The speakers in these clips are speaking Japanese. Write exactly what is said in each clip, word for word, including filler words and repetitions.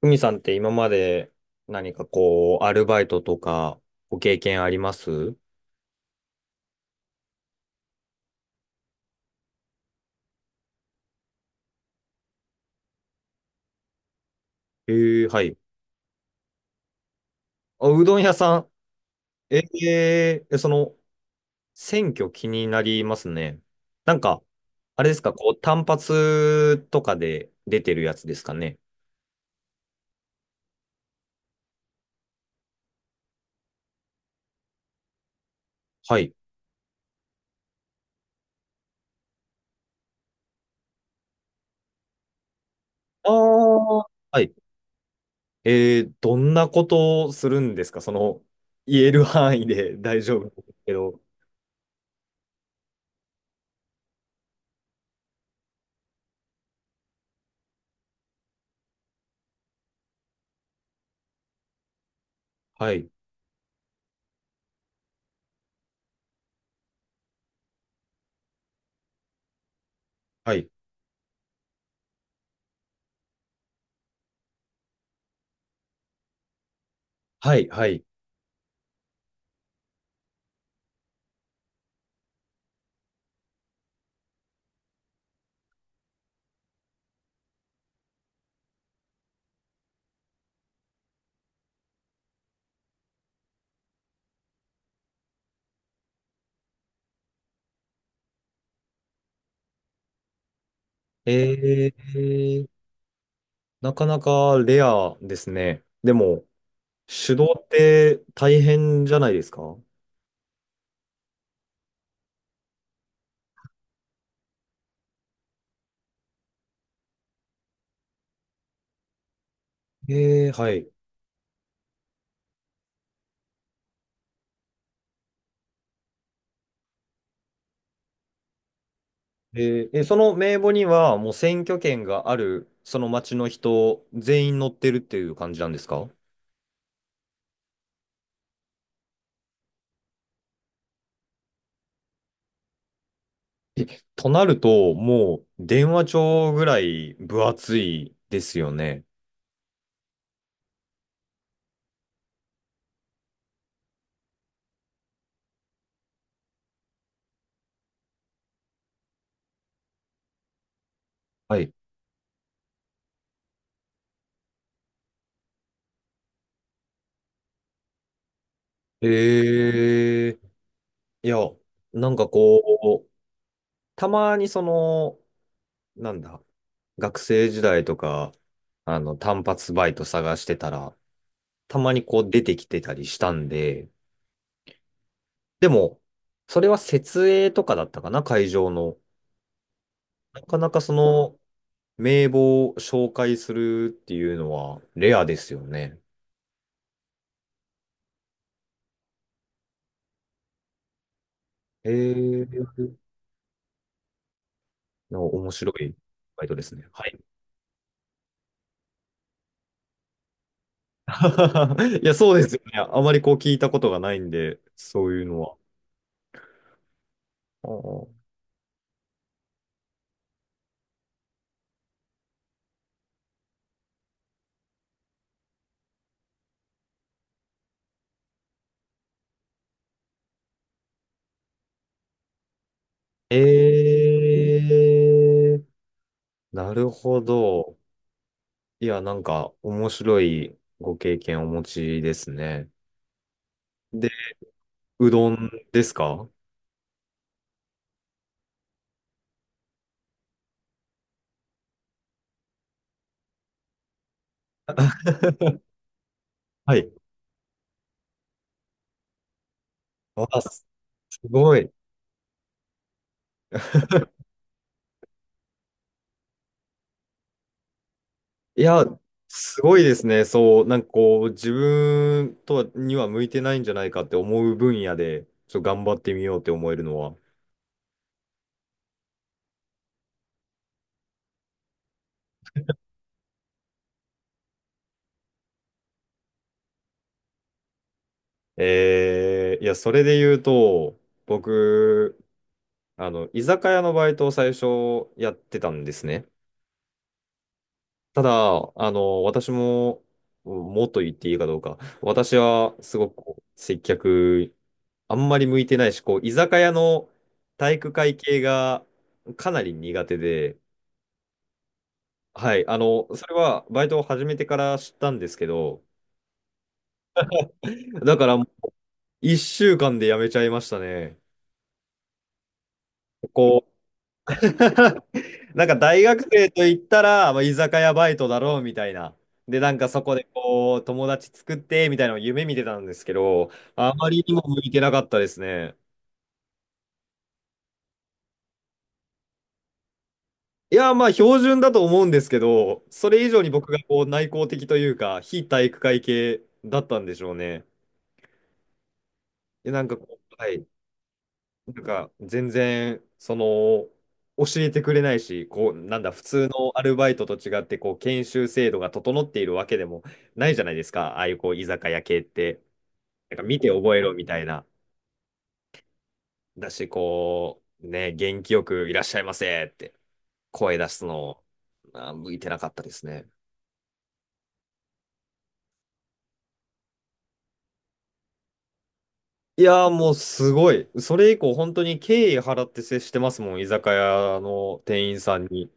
ふみさんって今まで、何かこう、アルバイトとかご経験あります？えー、はい。あ、うどん屋さん。えー、えその、選挙気になりますね。なんか、あれですか、こう、単発とかで出てるやつですかね？はい。ああ、はい。えー、どんなことをするんですか？その、言える範囲で 大丈夫ですけど。はい。はい。はい。はい。えー、なかなかレアですね。でも、手動って大変じゃないですか？ええ、はい。ええ、その名簿にはもう選挙権がある、その町の人全員乗ってるっていう感じなんですか？え、となると、もう電話帳ぐらい分厚いですよね。はい。ええ、いや、なんかこう、たまにその、なんだ、学生時代とか、あの、単発バイト探してたら、たまにこう出てきてたりしたんで、でも、それは設営とかだったかな、会場の。なかなか、その名簿を紹介するっていうのはレアですよね。えー、の面白いバイトですね。はい。いや、そうですよね。あまりこう聞いたことがないんで、そういうのは。あー、えー、なるほど。いや、なんか面白いご経験をお持ちですね。で、うどんですか？ はい。あ、すすごい。いや、すごいですね。そう、なんかこう、自分とはには向いてないんじゃないかって思う分野で、ちょっと頑張ってみようって思えるのは。えー、いや、それで言うと、僕、あの、居酒屋のバイトを最初やってたんですね。ただ、あの、私も、もっと言っていいかどうか、私はすごくこう接客あんまり向いてないし、こう、居酒屋の体育会系がかなり苦手で、はい、あの、それはバイトを始めてから知ったんですけど、だからいっしゅうかんで辞めちゃいましたね。こう、なんか大学生と言ったら、まあ、居酒屋バイトだろうみたいな。で、なんかそこでこう、友達作ってみたいなのを夢見てたんですけど、あまりにも向いてなかったですね。いや、まあ、標準だと思うんですけど、それ以上に僕がこう内向的というか、非体育会系だったんでしょうね。で、なんかこう、はい、なんか全然、その、教えてくれないし、こう、なんだ、普通のアルバイトと違って、こう、研修制度が整っているわけでもないじゃないですか、ああいうこう、居酒屋系って。なんか見て覚えろみたいな。だし、こう、ね、元気よくいらっしゃいませって声出すの、あ、向いてなかったですね。いやー、もうすごい。それ以降本当に敬意払って接してますもん、居酒屋の店員さんに。い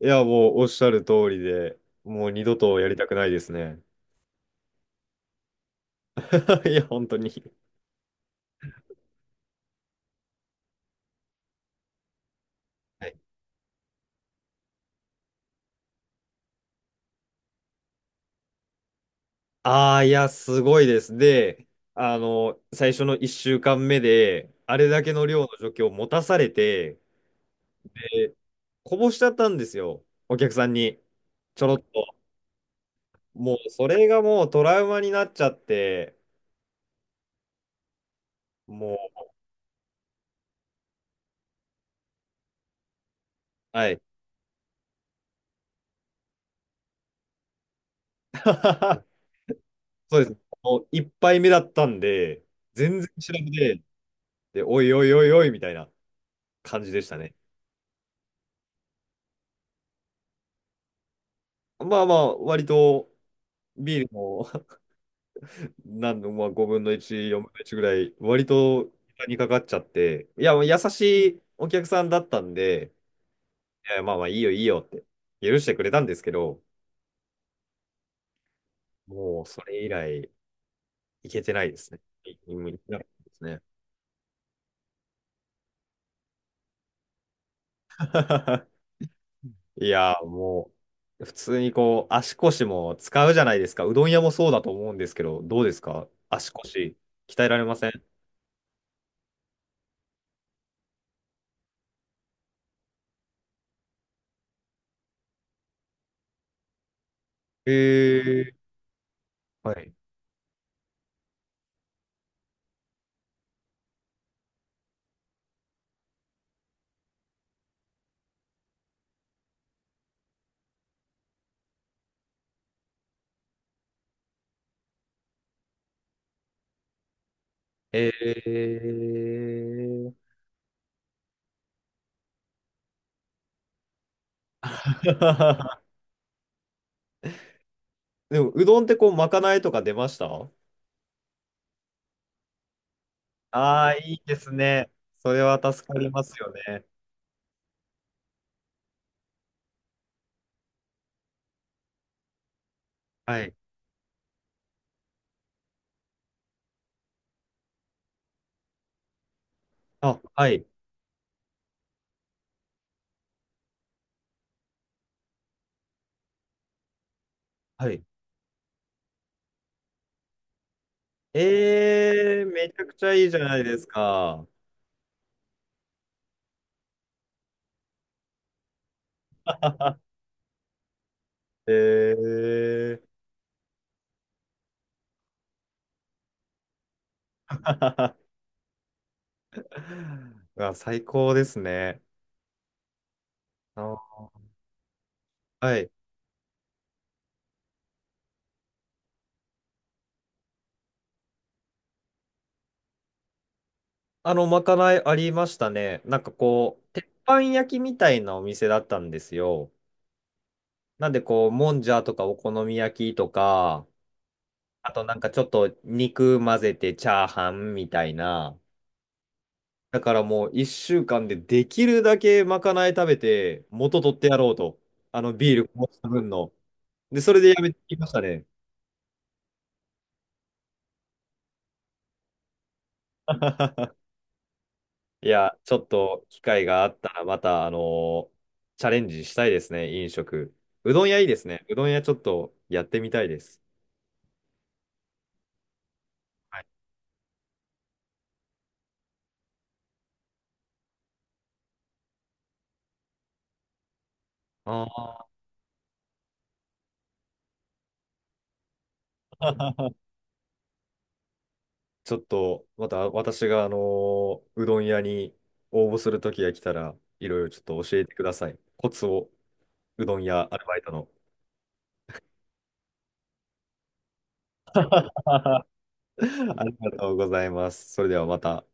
や、もうおっしゃる通りで、もう二度とやりたくないですね。いや、本当に。ああ、いや、すごいです。で、あの、最初のいっしゅうかんめで、あれだけの量の除去を持たされて、で、こぼしちゃったんですよ、お客さんに。ちょろっと。もう、それがもうトラウマになっちゃって、もう、はい。そうです。あの、いっぱいめだったんで、全然知らんで、で、おいおいおいおいみたいな感じでしたね。まあまあ、割とビールも 何の、まあ、ごぶんのいち、よんぶんのいちぐらい、割とにかかっちゃって、いや、もう優しいお客さんだったんで、いや、まあまあ、いいよいいよって、許してくれたんですけど、もうそれ以来、行けてないですね。いいけてなかったですね。いやー、もう、普通にこう、足腰も使うじゃないですか。うどん屋もそうだと思うんですけど、どうですか、足腰鍛えられません？えー、はい。えー。でも、うどんってこう、まかないとか出ました？ああー、いいですね。それは助かりますよね。はい。あ、はい。はい。えー、めちゃくちゃいいじゃないですか。えー。うわ、最高ですね。あ、はい。あの、まかないありましたね。なんかこう、鉄板焼きみたいなお店だったんですよ。なんでこう、もんじゃとかお好み焼きとか、あとなんかちょっと肉混ぜてチャーハンみたいな。だからもう一週間でできるだけまかない食べて、元取ってやろうと。あのビールこぼした分の。で、それでやめてきましたね。いや、ちょっと機会があったら、また、あのーチャレンジしたいですね、飲食。うどん屋いいですね。うどん屋ちょっとやってみたいです。はい。ああ。ちょっと、また私が、あのーうどん屋に応募する時が来たら、いろいろちょっと教えてください。コツを、うどん屋アルバイトの。ありがとうございます。それではまた。